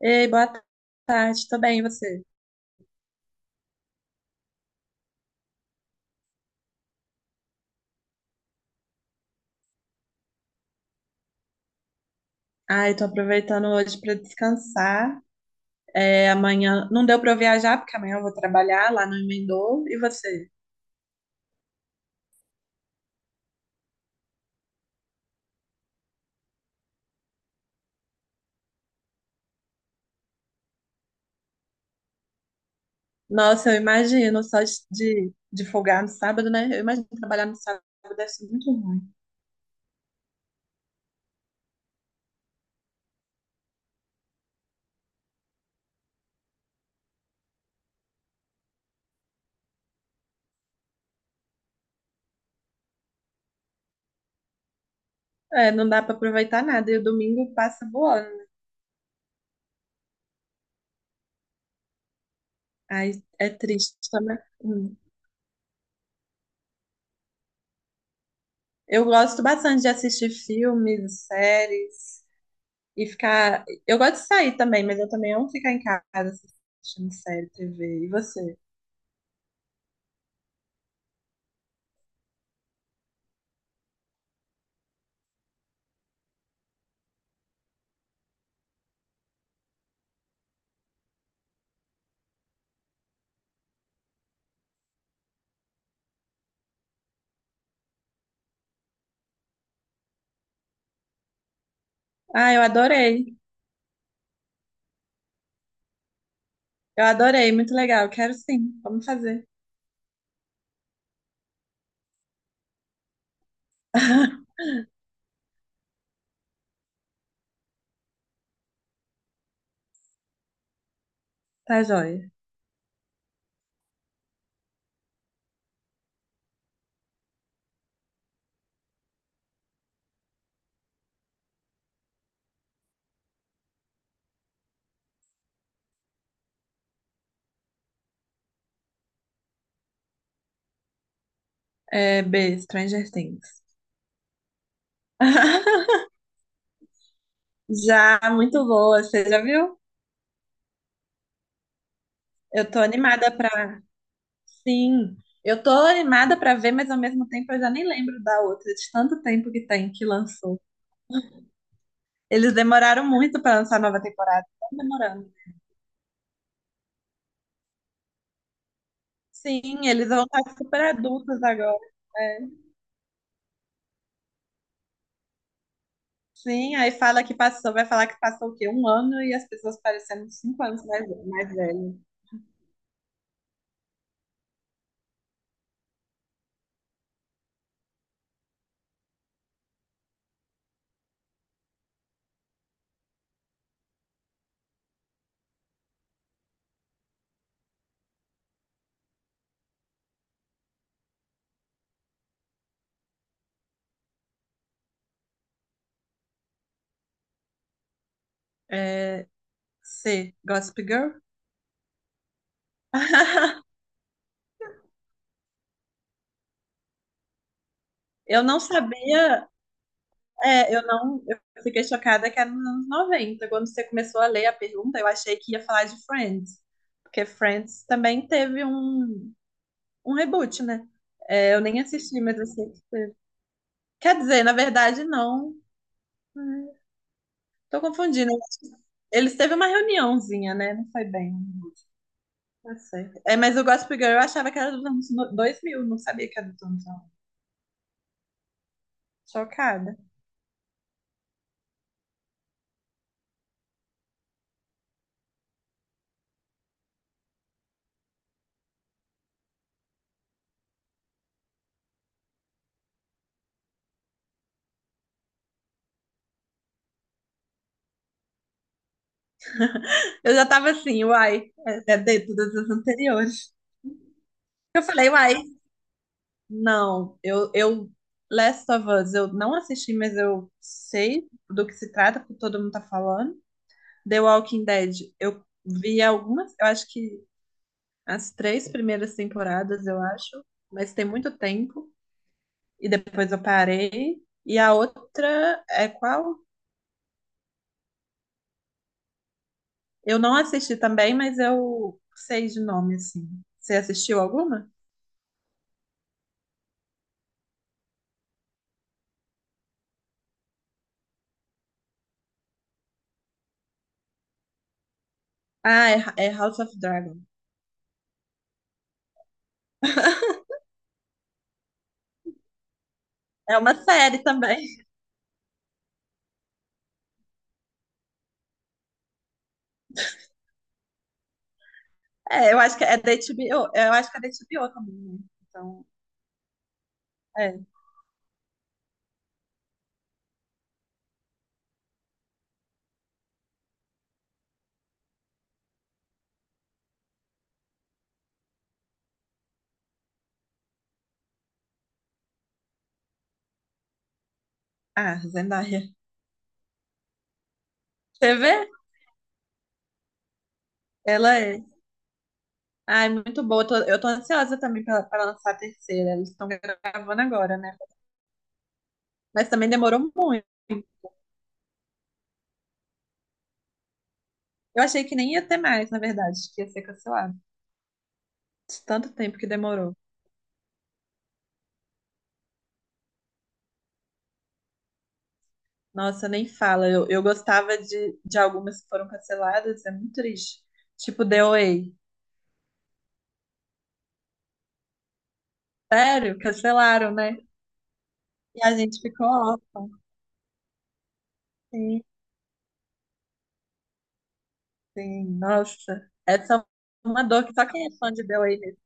Ei, boa tarde, tô bem, e você? Ai, tô aproveitando hoje pra descansar. É, amanhã não deu pra eu viajar, porque amanhã eu vou trabalhar lá no Emendou. E você? Nossa, eu imagino, só de, de folgar no sábado, né? Eu imagino que trabalhar no sábado deve ser muito ruim. É, não dá pra aproveitar nada, e o domingo passa voando. Ai, é triste também. Hum. Eu gosto bastante de assistir filmes, séries. E ficar. Eu gosto de sair também, mas eu também amo ficar em casa assistindo série, TV. E você? Ah, eu adorei. Eu adorei, muito legal. Quero sim. Vamos fazer. Tá joia. É, B, Stranger Things. Já, muito boa. Você já viu? Eu tô animada pra. Sim. Eu tô animada pra ver, mas ao mesmo tempo eu já nem lembro da outra, de tanto tempo que tem que lançou. Eles demoraram muito pra lançar a nova temporada. Estão demorando. Sim, eles vão estar super adultos agora. É. Sim, aí fala que passou, vai falar que passou o quê? Um ano e as pessoas parecendo 5 anos mais velho. É, C, Gossip Girl? Eu não sabia, é, eu não, eu fiquei chocada que era nos anos 90. Quando você começou a ler a pergunta, eu achei que ia falar de Friends, porque Friends também teve um reboot, né? É, eu nem assisti, mas eu sei que teve. Quer dizer, na verdade, não. Tô confundindo. Eles teve uma reuniãozinha, né? Não foi bem. Tá certo. É, mas o Gossip Girl eu achava que era dos anos 2000. Não sabia que era dos anos 90. Chocada. Eu já tava assim, uai, é dentro das anteriores. Eu falei, uai, não, Last of Us, eu não assisti, mas eu sei do que se trata, porque todo mundo tá falando. The Walking Dead, eu vi algumas, eu acho que as três primeiras temporadas, eu acho, mas tem muito tempo. E depois eu parei. E a outra é qual? Eu não assisti também, mas eu sei de nome, assim. Você assistiu alguma? Ah, é House of Dragon. É uma série também. É, eu acho que é da HBO. Eu acho que é da HBO também, né? Então, é. Ah, Zendaya. Você vê? Ela é. Ai, muito boa. Eu tô ansiosa também pra lançar a terceira. Eles estão gravando agora, né? Mas também demorou muito. Eu achei que nem ia ter mais, na verdade, que ia ser cancelado. De tanto tempo que demorou. Nossa, nem fala. Eu gostava de algumas que foram canceladas, é muito triste. Tipo The Way. Sério, cancelaram, né? E a gente ficou órfão. Sim, sim. Nossa, essa é uma dor que só quem é fã de The Way mesmo.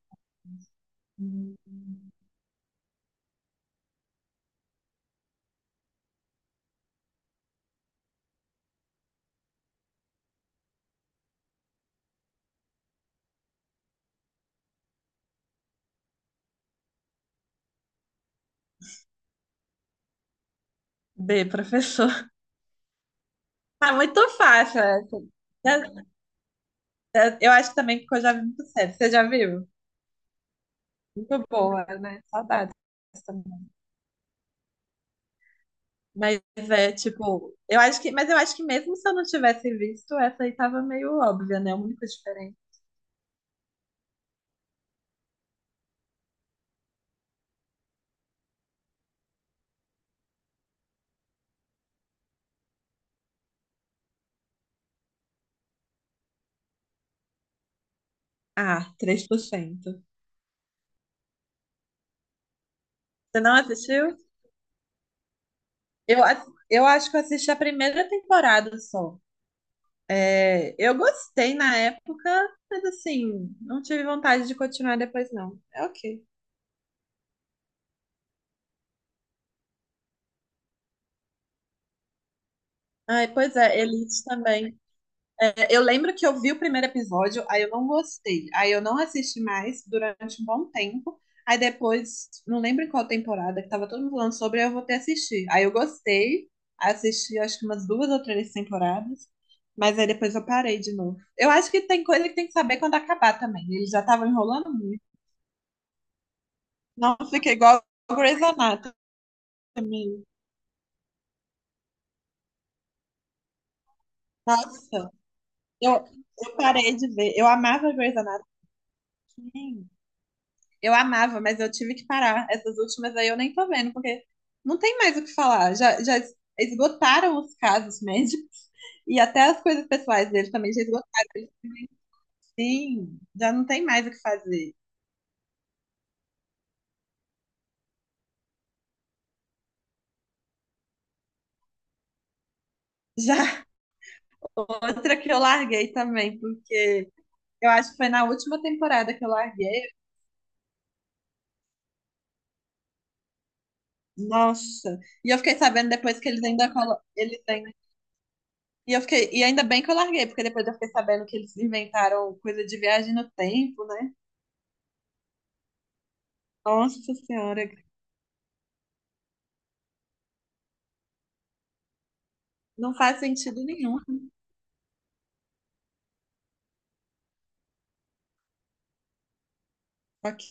B, professor. Ah, muito fácil essa. É- Eu acho também que eu já vi muito sério. Você já viu? Muito boa, né? Saudades. Mas é tipo, mas eu acho que mesmo se eu não tivesse visto, essa aí tava meio óbvia, né? A única diferença. Ah, 3%. Você não assistiu? Eu acho que eu assisti a primeira temporada só. É, eu gostei na época, mas assim, não tive vontade de continuar depois, não. É ok. Ai, pois é, Elite também. É, eu lembro que eu vi o primeiro episódio, aí eu não gostei. Aí eu não assisti mais durante um bom tempo. Aí depois, não lembro em qual temporada que tava todo mundo falando sobre, aí eu voltei ter assistir. Aí eu gostei, assisti acho que umas duas ou três temporadas, mas aí depois eu parei de novo. Eu acho que tem coisa que tem que saber quando acabar também. Eles já estavam enrolando muito. Não fica igual o Grey's Anatomy. Nossa, eu, eu parei de ver. Eu amava Grey's Anatomy. Eu amava, mas eu tive que parar. Essas últimas aí eu nem tô vendo, porque não tem mais o que falar. Já, já esgotaram os casos médicos e até as coisas pessoais dele também já esgotaram. Ele, Sim, já não tem mais o que fazer. Já outra que eu larguei também, porque eu acho que foi na última temporada que eu larguei. Nossa! E eu fiquei sabendo depois que eles ainda e ainda bem que eu larguei, porque depois eu fiquei sabendo que eles inventaram coisa de viagem no tempo, né? Nossa Senhora. Não faz sentido nenhum. Ok.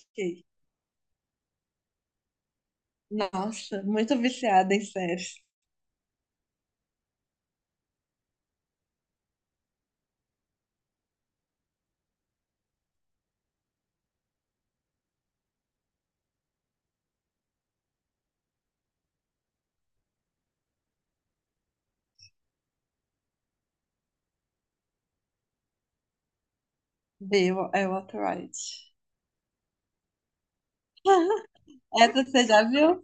Nossa, muito viciada em séries. É Waterworld. Essa você já viu?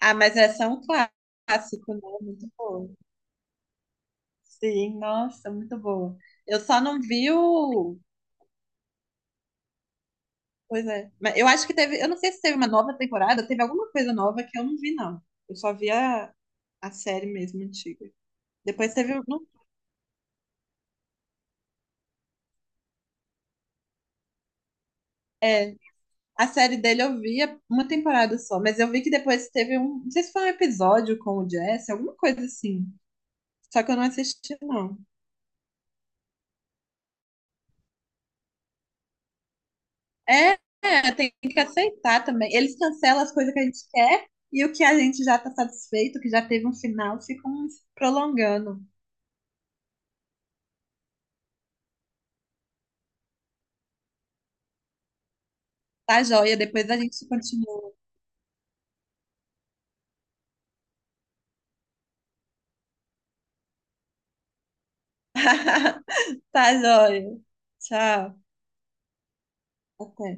Ah, mas essa é um clássico, né? Muito boa. Sim, nossa, muito boa. Eu só não vi o. Pois é. Mas eu acho que teve. Eu não sei se teve uma nova temporada, teve alguma coisa nova que eu não vi, não. Eu só vi a série mesmo, antiga. Depois teve. Não, é, a série dele eu via uma temporada só, mas eu vi que depois teve um. Não sei se foi um episódio com o Jesse, alguma coisa assim. Só que eu não assisti, não. É, é, tem que aceitar também. Eles cancelam as coisas que a gente quer e o que a gente já tá satisfeito, que já teve um final, ficam prolongando. Tá joia, depois a gente continua. Tá joia. Tchau. Até.